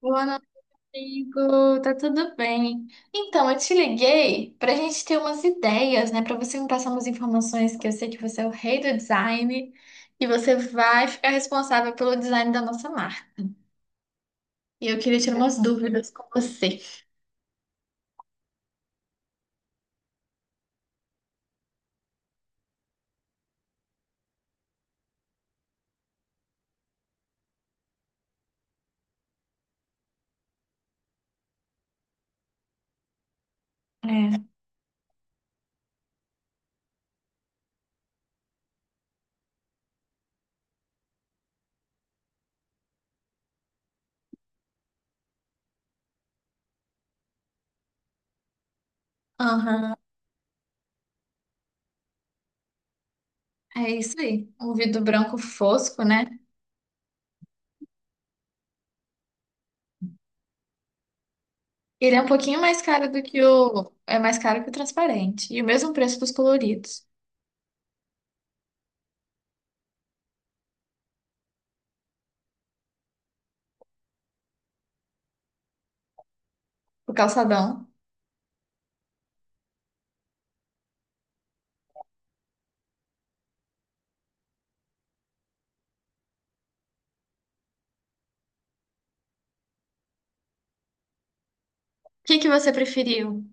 Boa noite, amigo. Tá tudo bem? Então, eu te liguei pra gente ter umas ideias, né? Pra você me passar umas informações, que eu sei que você é o rei do design e você vai ficar responsável pelo design da nossa marca. E eu queria tirar umas dúvidas com você. É. Aham, é isso aí. Um vidro branco fosco, né? Ele é um pouquinho mais caro do que. É mais caro que o transparente. E o mesmo preço dos coloridos. O calçadão. O que que você preferiu?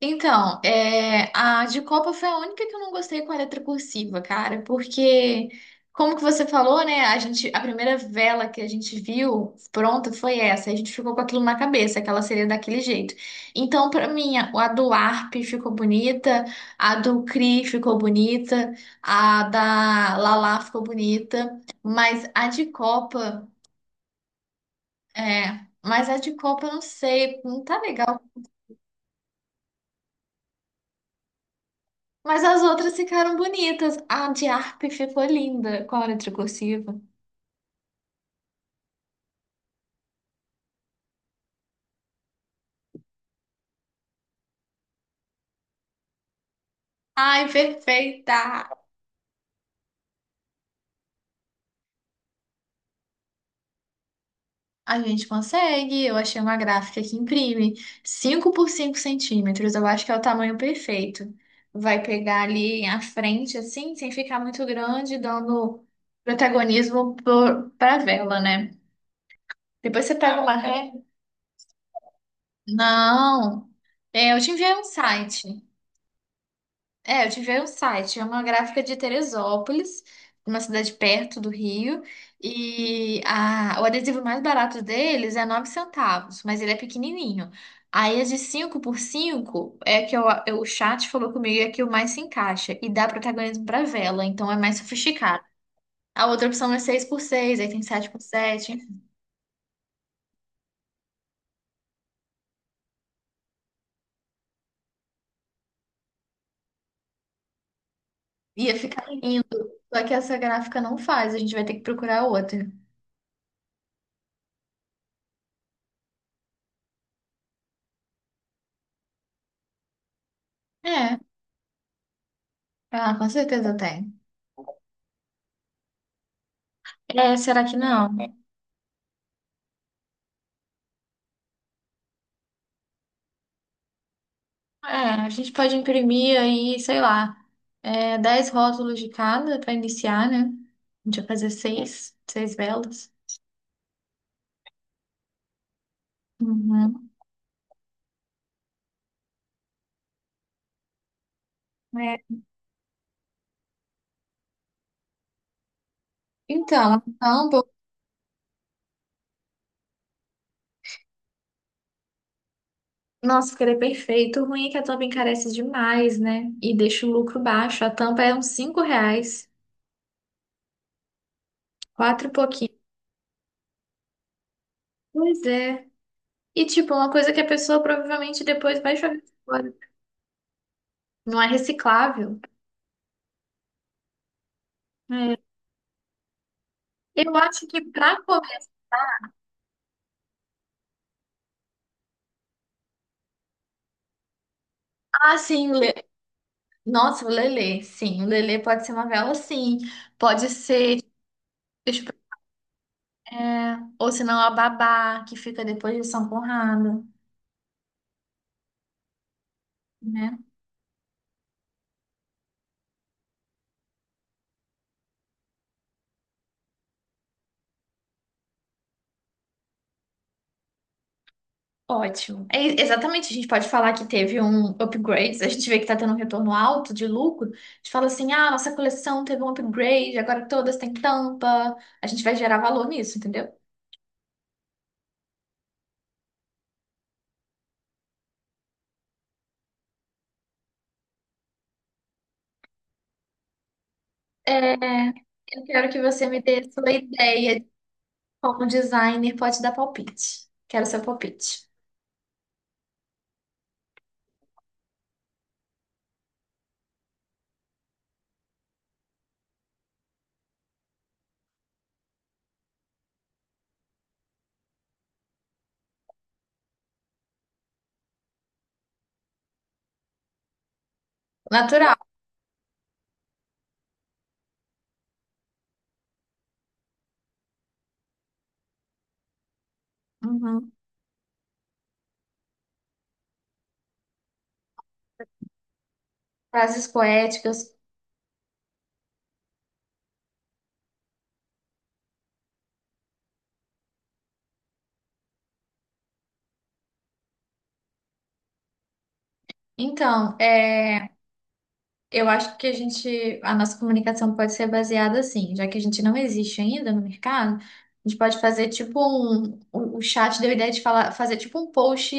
Então, a de Copa foi a única que eu não gostei com a letra cursiva, cara, porque, como que você falou, né? A primeira vela que a gente viu pronta foi essa. A gente ficou com aquilo na cabeça, que ela seria daquele jeito. Então, pra mim, a do Arp ficou bonita, a do Cri ficou bonita, a da Lala ficou bonita, mas a de Copa, eu não sei, não tá legal. Mas as outras ficaram bonitas. A de harp ficou linda com a hora cursiva. Ai, perfeita! A gente consegue. Eu achei uma gráfica que imprime 5x5 cm. Eu acho que é o tamanho perfeito. Vai pegar ali a frente, assim, sem ficar muito grande, dando protagonismo pra vela, né? Depois você pega uma ré. Não! É, eu te enviei um site. É, eu tive aí o site, é uma gráfica de Teresópolis, uma cidade perto do Rio, e a, o adesivo mais barato deles é 9 centavos, mas ele é pequenininho. Aí as de 5x5. É que o chat falou comigo é que o mais se encaixa e dá protagonismo pra vela, então é mais sofisticado. A outra opção é 6x6, aí tem 7x7. Ia ficar lindo. Só que essa gráfica não faz, a gente vai ter que procurar outra. É, ah, com certeza tem. É, será que não? É, a gente pode imprimir aí, sei lá, 10 rótulos de cada para iniciar, né? A gente vai fazer seis velas. Uhum. É. Então, ambos. Nossa, ficaria perfeito. O ruim é que a tampa encarece demais, né? E deixa o lucro baixo. A tampa é uns R$ 5, quatro e pouquinho. Pois é. E, tipo, uma coisa que a pessoa provavelmente depois vai jogar fora. Não é reciclável. É. Eu acho que pra começar, assim. Nossa, o Lelê, sim. O Lelê pode ser uma vela, sim. Pode ser, deixa ou senão a Babá, que fica depois de São Conrado, né? Ótimo. É, exatamente, a gente pode falar que teve um upgrade, a gente vê que tá tendo um retorno alto de lucro, a gente fala assim, ah, nossa coleção teve um upgrade, agora todas têm tampa, a gente vai gerar valor nisso, entendeu? É, eu quero que você me dê sua ideia de como designer pode dar palpite. Quero seu palpite. Natural. Uhum. Frases poéticas. Então, é. Eu acho que a gente, a nossa comunicação pode ser baseada assim, já que a gente não existe ainda no mercado, a gente pode fazer tipo um, o chat deu a ideia de falar, fazer tipo um post,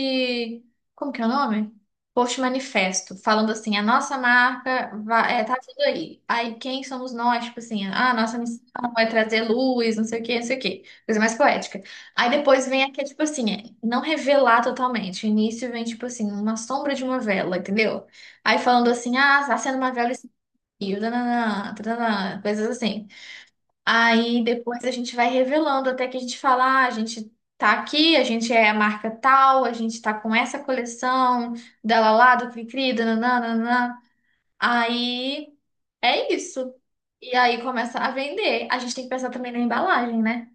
como que é o nome? Post manifesto, falando assim, a nossa marca vai, é, tá tudo aí. Aí quem somos nós? Tipo assim, ah, a nossa missão é trazer luz, não sei o quê, não sei o quê. Coisa mais poética. Aí depois vem aqui, tipo assim, não revelar totalmente. O início vem, tipo assim, uma sombra de uma vela, entendeu? Aí falando assim, ah, tá sendo uma vela e tananã, tananã, coisas assim. Aí depois a gente vai revelando até que a gente fala, ah, a gente tá aqui, a gente é a marca tal, a gente tá com essa coleção dela lá, do Cri-Cri, dananã, dananã. Aí é isso. E aí começa a vender. A gente tem que pensar também na embalagem, né?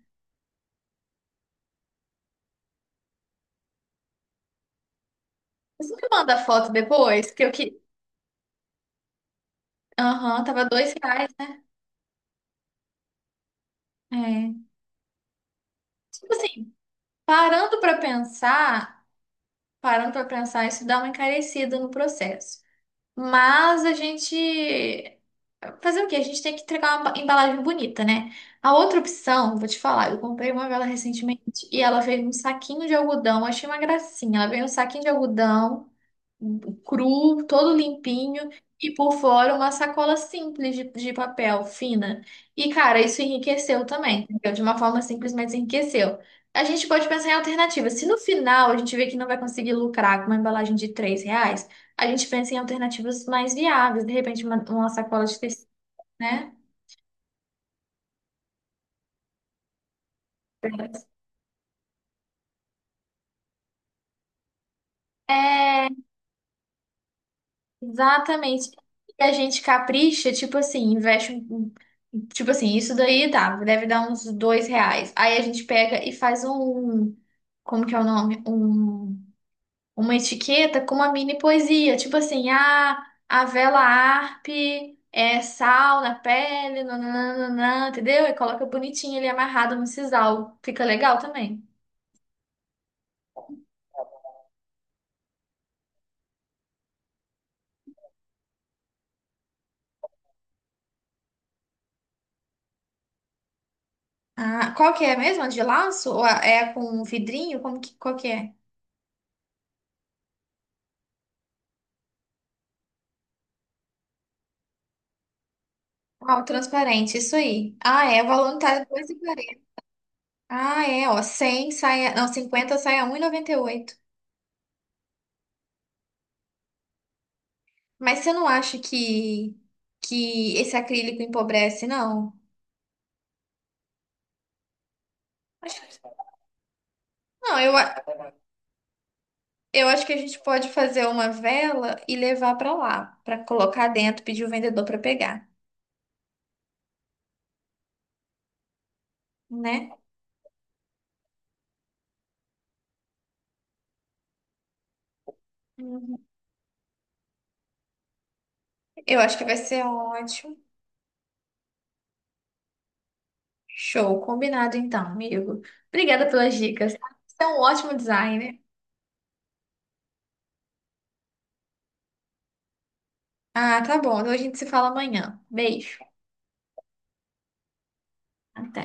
Você me manda a foto depois, que eu que. Aham, tava R$ 2, né? É. Tipo assim, parando pra pensar. Parando para pensar, isso dá uma encarecida no processo. Mas a gente. Fazer o quê? A gente tem que entregar uma embalagem bonita, né? A outra opção, vou te falar, eu comprei uma vela recentemente e ela veio num saquinho de algodão, achei uma gracinha. Ela veio num saquinho de algodão cru, todo limpinho, e por fora uma sacola simples de papel, fina. E, cara, isso enriqueceu também, entendeu? De uma forma simples, mas enriqueceu. A gente pode pensar em alternativas. Se no final a gente vê que não vai conseguir lucrar com uma embalagem de R$ 3, a gente pensa em alternativas mais viáveis, de repente uma sacola de tecido, né? É. Exatamente. E a gente capricha, tipo assim, investe um. Tipo assim, isso daí dá, deve dar uns R$ 2. Aí a gente pega e faz um. Como que é o nome? Uma etiqueta com uma mini poesia. Tipo assim, ah, a vela Arp é sal na pele, nananana, entendeu? E coloca bonitinho ele amarrado no sisal. Fica legal também. Ah, qual que é mesmo? A de laço? Ou com vidrinho? Qual que é? Uau, transparente, isso aí. Ah, é, o voluntário é 2,40. Ah, é, ó, 100 sai, não, 50 sai a 1,98. Mas você não acha que esse acrílico empobrece, não? Acho que- Não, eu acho que a gente pode fazer uma vela e levar pra lá, pra colocar dentro, pedir o vendedor pra pegar, né? Uhum. Eu acho que vai ser ótimo. Show, combinado então, amigo. Obrigada pelas dicas, tá? Você é um ótimo designer. Ah, tá bom. Então a gente se fala amanhã. Beijo. Até.